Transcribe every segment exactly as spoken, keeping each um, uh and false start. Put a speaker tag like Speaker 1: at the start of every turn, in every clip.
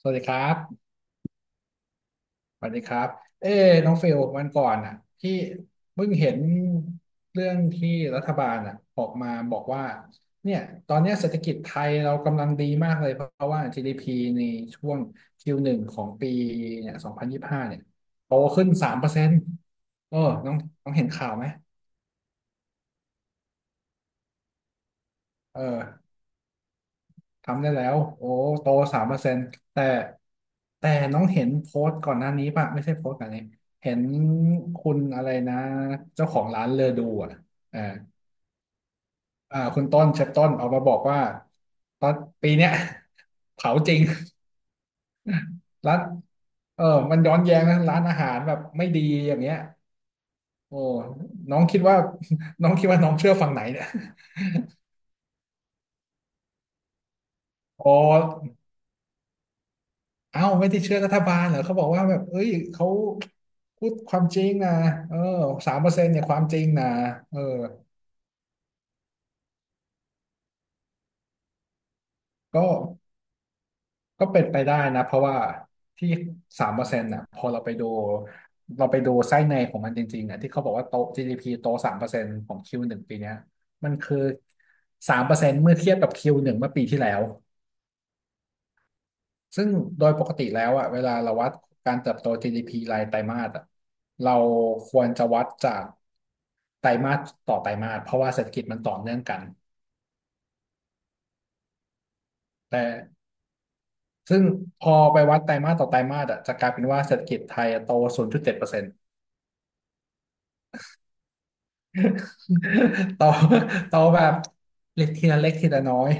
Speaker 1: สวัสดีครับ สวัสดีครับ เอ้น้องเฟลวันก่อนอ่ะ ที่เพิ่งเห็นเรื่องที่รัฐบาลอ่ะออกมาบอกว่า เนี่ย ตอนเนี้ยเศรษฐกิจไทยเรากำลังดีมากเลยเพราะว่า จี ดี พี ในช่วง คิว หนึ่ง ของปีเนี่ยสองพันยี่สิบห้าเนี่ยโตขึ้นสามเปอร์เซ็นต์เปอร์เซ็นต์เออน้องน้องเห็นข่าวไหม เออ ทำได้แล้วโอ้โตสามเปอร์เซ็นต์แต่แต่น้องเห็นโพสต์ก่อนหน้านี้ป่ะไม่ใช่โพสต์ก่อนนี้เห็นคุณอะไรนะ เจ้าของร้านเลอดูอ่ะเอออ่าคุณต้นเชฟต้นออกมาบอกว่าตอนปีเนี้ย เผาจริง ร้านเออมันย้อนแย้งนะร้านอาหารแบบไม่ดีอย่างเงี้ยโอ้น้องคิดว่า น้องคิดว่าน้องเชื่อฝั่งไหนเนี่ย โอ้ เอ้าไม่ได้เชื่อรัฐบาลเหรอเขาบอกว่าแบบเอ้ยเขาพูดความจริงนะเออสามเปอร์เซ็นต์เนี่ยความจริงนะเออก็ก็เป็นไปได้นะเพราะว่าที่สามเปอร์เซ็นต์่ะพอเราไปดูเราไปดูไส้ในของมันจริงๆอ่ะที่เขาบอกว่าโต จี ดี พี โตสามเปอร์เซ็นต์ของ คิว หนึ่งปีเนี้ยมันคือสามเปอร์เซ็นต์เมื่อเทียบกับ Q หนึ่งเมื่อปีที่แล้ว ซึ่งโดยปกติแล้วอะเวลาเราวัดการเติบโต จี ดี พี รายไตรมาสอะเราควรจะวัดจากไตรมาสต่อไตรมาสเพราะว่าเศรษฐกิจมันต่อเนื่องกันแต่ซึ่งพอไปวัดไตรมาสต่อไตรมาสอะจะกลายเป็นว่าเศรษฐกิจไทยอะโตศูนย์จุดเจ็ดเปอร์เซ็นต์ โตโตแบบเล็กทีละเล็กทีละน้อย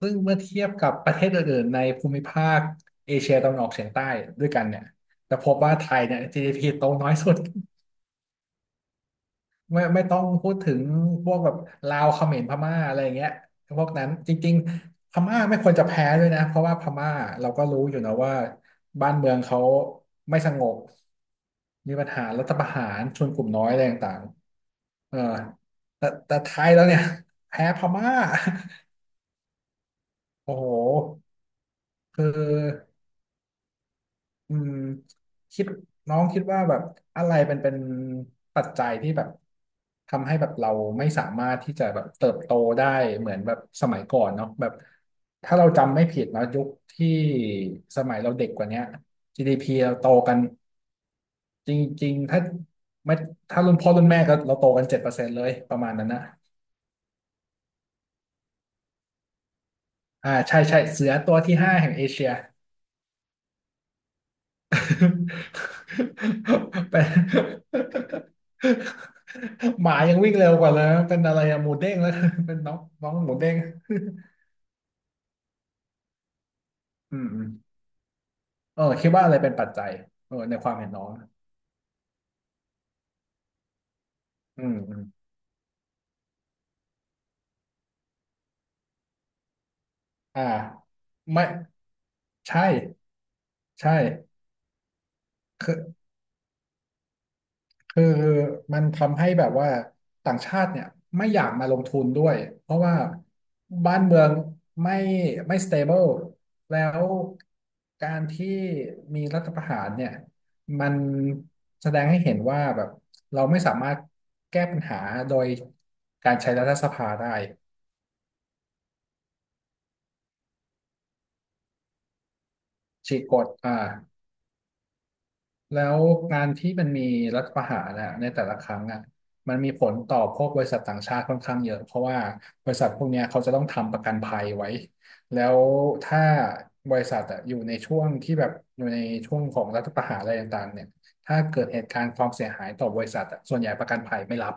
Speaker 1: ซึ่งเมื่อเทียบกับประเทศอื่นๆในภูมิภาคเอเชียตะวันออกเฉียงใต้ด้วยกันเนี่ยจะพบว่าไทยเนี่ย จี ดี พี โตน้อยสุด ไม่ไม่ต้องพูดถึงพวกแบบลาวเขมรพม่าอะไรอย่างเงี้ยพวกนั้นจริงๆพม่าไม่ควรจะแพ้ด้วยนะเพราะว่าพม่าเราก็รู้อยู่นะว่าบ้านเมืองเขาไม่สงบมีปัญหารัฐประหารชนกลุ่มน้อยอะไรต่างๆเออแต่แต่ไทยแล้วเนี่ยแพ้พม่า โอ้โหคือ อืมคิดน้องคิดว่าแบบอะไรเป็นเป็นปัจจัยที่แบบทำให้แบบเราไม่สามารถที่จะแบบเติบโตได้เหมือนแบบสมัยก่อนเนาะแบบถ้าเราจำไม่ผิดเนาะยุคที่สมัยเราเด็กกว่าเนี้ย จี ดี พี เราโตกันจริงๆถ้าไม่ถ้ารุ่นพ่อรุ่นแม่ก็เราโตกันเจ็ดเปอร์เซ็นต์เลยประมาณนั้นนะอ่าใช่ใช่เสือตัวที่ห้าแห่งเอเชีย เป็นหมายังวิ่งเร็วกว่าเลยนะเป็นอะไรอะหมูเด้งแล้ว เป็นน้องน้องหมูเด้ง อืมอืมเออคิดว่าอะไรเป็นปัจจัยเออในความเห็นน้องอืมอืมอ่าไม่ใช่ใช่คือ คือมันทำให้แบบว่าต่างชาติเนี่ยไม่อยากมาลงทุนด้วยเพราะว่าบ้านเมืองไม่ไม่ stable แล้วการที่มีรัฐประหารเนี่ยมันแสดงให้เห็นว่าแบบเราไม่สามารถแก้ปัญหาโดยการใช้รัฐสภาได้ฉีกกฎอ่า แล้วการที่มันมีรัฐประหารนะในแต่ละครั้งอ่ะมันมีผลต่อพวกบริษัทต่างชาติค่อนข้างเยอะเพราะว่าบริษัทพวกเนี้ยเขาจะต้องทำประกันภัยไว้แล้วถ้าบริษัทอะอยู่ในช่วงที่แบบอยู่ในช่วงของรัฐประหารอะไรต่างๆเนี่ยถ้าเกิดเหตุการณ์ความเสียหายต่อบริษัทอะส่วนใหญ่ประกันภัยไม่รับ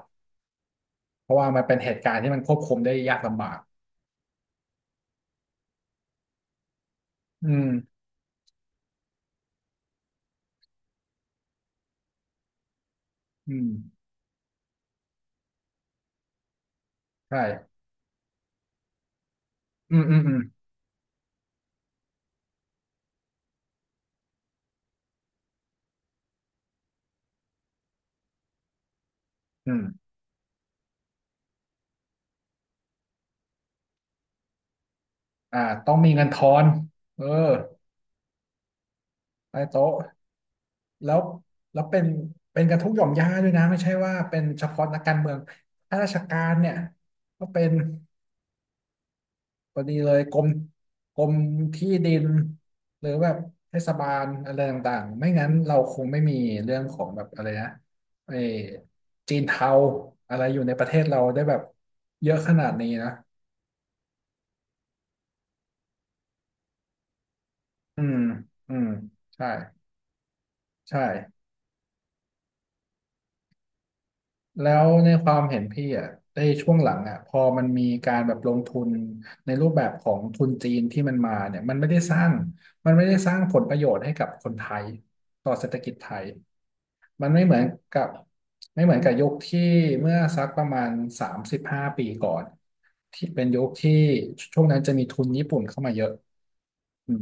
Speaker 1: เพราะว่ามันเป็นเหตุการณ์ที่มันควบคุมได้ยากลำบากอืมอืมใช่อืมอืมอืมอืมอ่าต้องมีเงินทอนเออใต้โต๊ะ แล้วแล้วเป็นเป็นกันทุกหย่อมย่าด้วยนะไม่ใช่ว่าเป็นเฉพาะนักการเมืองข้าราชการเนี่ยก็เป็นพอดีเลยกรมกรมที่ดินหรือแบบเทศบาลอะไรต่างๆไม่งั้นเราคงไม่มีเรื่องของแบบอะไรนะไอ้จีนเทาอะไรอยู่ในประเทศเราได้แบบเยอะขนาดนี้นะอืมอืมใช่ใช่ แล้วในความเห็นพี่อ่ะในช่วงหลังอ่ะพอมันมีการแบบลงทุนในรูปแบบของทุนจีนที่มันมาเนี่ยมันไม่ได้สร้างมันไม่ได้สร้างผลประโยชน์ให้กับคนไทยต่อเศรษฐกิจไทยมันไม่เหมือนกับไม่เหมือนกับยุคที่เมื่อสักประมาณสามสิบห้าปีก่อนที่เป็นยุคที่ช่วงนั้นจะมีทุนญี่ปุ่นเข้ามาเยอะอืม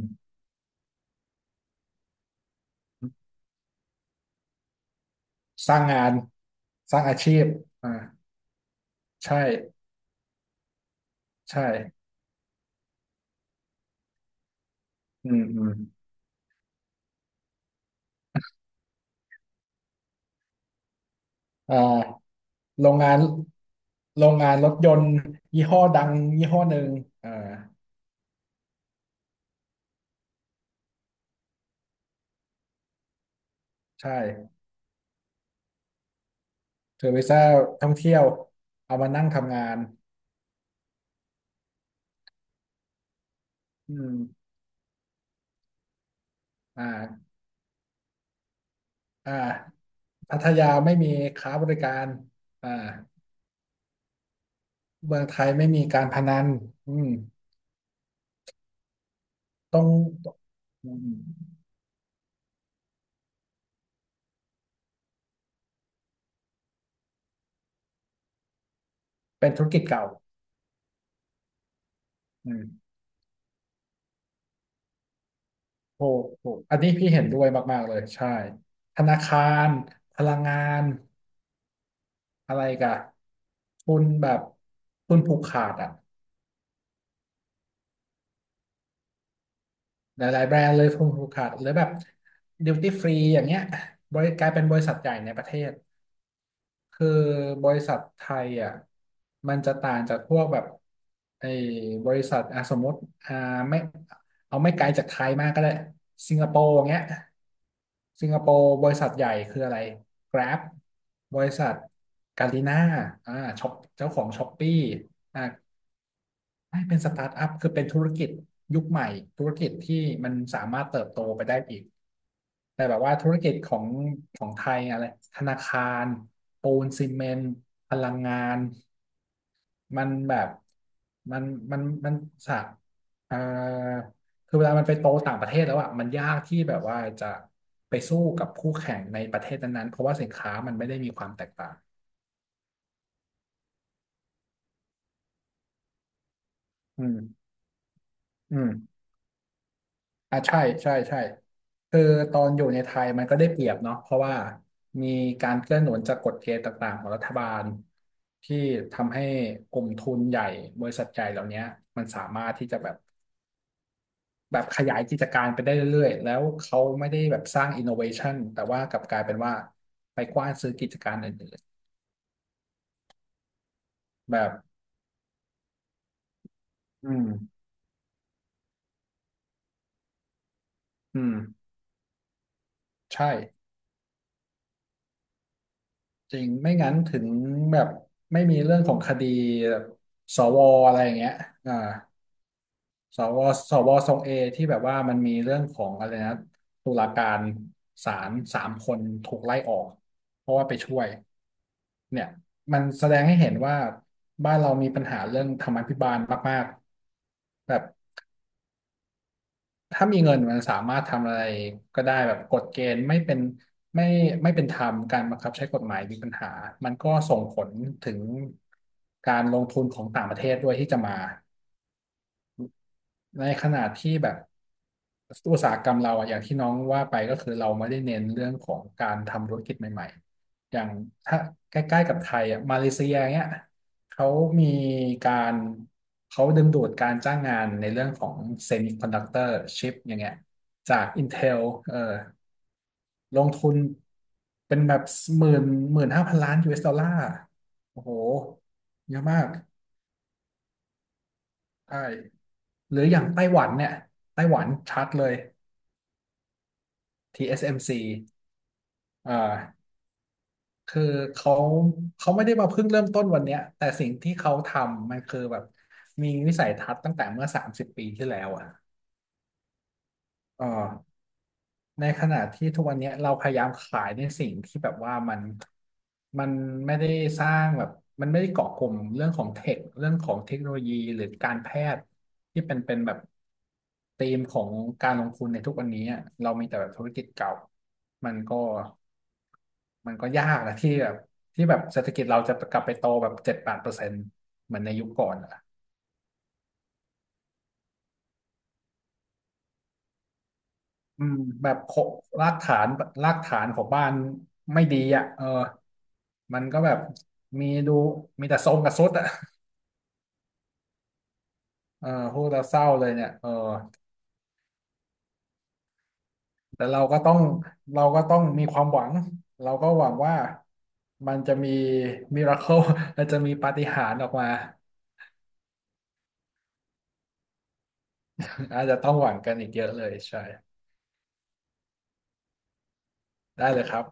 Speaker 1: สร้างงานสร้างอาชีพอ่าใช่ใช่อืมอืมอ่า โรงงานโรงงานรถยนต์ยี่ห้อดังยี่ห้อหนึ่งอ่าใช่เธอไปซ่าท่องเที่ยวเอามานั่งทำงานอืมอ่าอ่าพัทยาไม่มีค้าบริการอ่าเมืองไทยไม่มีการพนันอืมต้องอืมเป็นธุรกิจเก่าอืมโอ้โหอันนี้พี่เห็นด้วยมากๆเลย ใช่ ธนาคารพลังงานอะไรกะทุนแบบทุนผูกขาดอ่ะ หลายๆแบรนด์เลยฟูกขาดหรือแบบดิวตี้ฟรีอย่างเงี้ยบริกลายเป็นบริษัทใหญ่ในประเทศคือบริษัทไทยอ่ะมันจะต่างจากพวกแบบไอ้บริษัทอ่ะสมมติอ่าไม่เอาไม่ไกลจากไทยมากก็ได้สิงคโปร์อย่างเงี้ยสิงคโปร์บริษัทใหญ่คืออะไร Grab บริษัทกาลิน่าอ่าช็อปเจ้าของช้อปปี้อ่า ให้เป็นสตาร์ทอัพคือเป็นธุรกิจยุคใหม่ธุรกิจที่มันสามารถเติบโตไปได้อีกแต่แบบว่าธุรกิจของของไทยอะไรธนาคารปูนซีเมนต์พลังงานมันแบบมันมันมันสะเอ่อคือเวลามันไปโตต่างประเทศแล้วอ่ะมันยากที่แบบว่าจะไปสู้กับคู่แข่งในประเทศนั้นๆเพราะว่าสินค้ามันไม่ได้มีความแตกต่างอืมอืม อ่ะใช่ใช่ใช่คือตอนอยู่ในไทยมันก็ได้เปรียบเนาะเพราะว่ามีการเกื้อหนุนจากกฎเกณฑ์ต่างๆของรัฐบาลที่ทำให้กลุ่มทุนใหญ่บริษัทใหญ่เหล่านี้มันสามารถที่จะแบบแบบขยายกิจการไปได้เรื่อยๆแล้วเขาไม่ได้แบบสร้างอินโนเวชันแต่ว่ากลับกลายเป็นว่าไปกว้านซื้อกิจการอื่นๆแบบอืมอืมใช่จริงไม่งั้นถึงแบบไม่มีเรื่องของคดีแบบสวอะไรอย่างเงี้ยอ่า สวสวทรงเอที่แบบว่ามันมีเรื่องของอะไรนะตุลาการศาลสามคนถูกไล่ออกเพราะว่าไปช่วยเนี่ยมันแสดงให้เห็นว่าบ้านเรามีปัญหาเรื่องธรรมาภิบาลมากๆแบบถ้ามีเงินมันสามารถทำอะไรก็ได้แบบกฎเกณฑ์ไม่เป็นไม่ไม่เป็นธรรมการบังคับใช้กฎหมายมีปัญหามันก็ส่งผลถึงการลงทุนของต่างประเทศด้วยที่จะมา ในขณะที่แบบอุตสาหกรรมเราอะอย่างที่น้องว่าไปก็คือเราไม่ได้เน้นเรื่องของการทำธุรกิจใหม่ๆอย่างถ้าใกล้ๆกับไทยอะมาเลเซียเนี้ยเขามีการเขาดึงดูดการจ้างงานในเรื่องของเซมิคอนดักเตอร์ชิปอย่างเงี้ยจาก Intel เออลงทุนเป็นแบบหมื่นหมื่นห้าพันล้าน ยู เอส ดอลลาร์โอ้โหเยอะมากใช่หรืออย่างไต้หวันเนี่ยไต้หวันชัดเลย ที เอส เอ็ม ซี อสเอ็มซีอ่าคือเขาเขาไม่ได้มาเพิ่งเริ่มต้นวันเนี้ยแต่สิ่งที่เขาทำมันคือแบบมีวิสัยทัศน์ตั้งแต่เมื่อสามสิบปีที่แล้วอ่ะเออ ในขณะที่ทุกวันเนี้ยเราพยายามขายในสิ่งที่แบบว่ามันมันไม่ได้สร้างแบบมันไม่ได้เกาะกลุ่มเรื่องของเทคเรื่องของเทคโนโลยีหรือการแพทย์ที่เป็นเป็นแบบธีมของการลงทุนในทุกวันนี้อะเรามีแต่แบบธุรกิจเก่ามันก็มันก็ยากนะที่แบบที่แบบเศรษฐกิจเราจะกลับไปโตแบบเจ็ดแปดเปอร์เซ็นต์เหมือนในยุคก่อนอะ อืมแบบโครากฐานรากฐานของบ้านไม่ดีอ่ะเออมันก็แบบมีดูมีแต่ทรงกับทรุดอ่ะเออพูดแล้วเศร้าเลยเนี่ยเออแต่เราก็ต้องเราก็ต้องมีความหวังเราก็หวังว่ามันจะมีมิราเคิลมันจะมีปาฏิหาริย์ออกมาอาจจะต้องหวังกันอีกเยอะเลยใช่ได้เลยครับ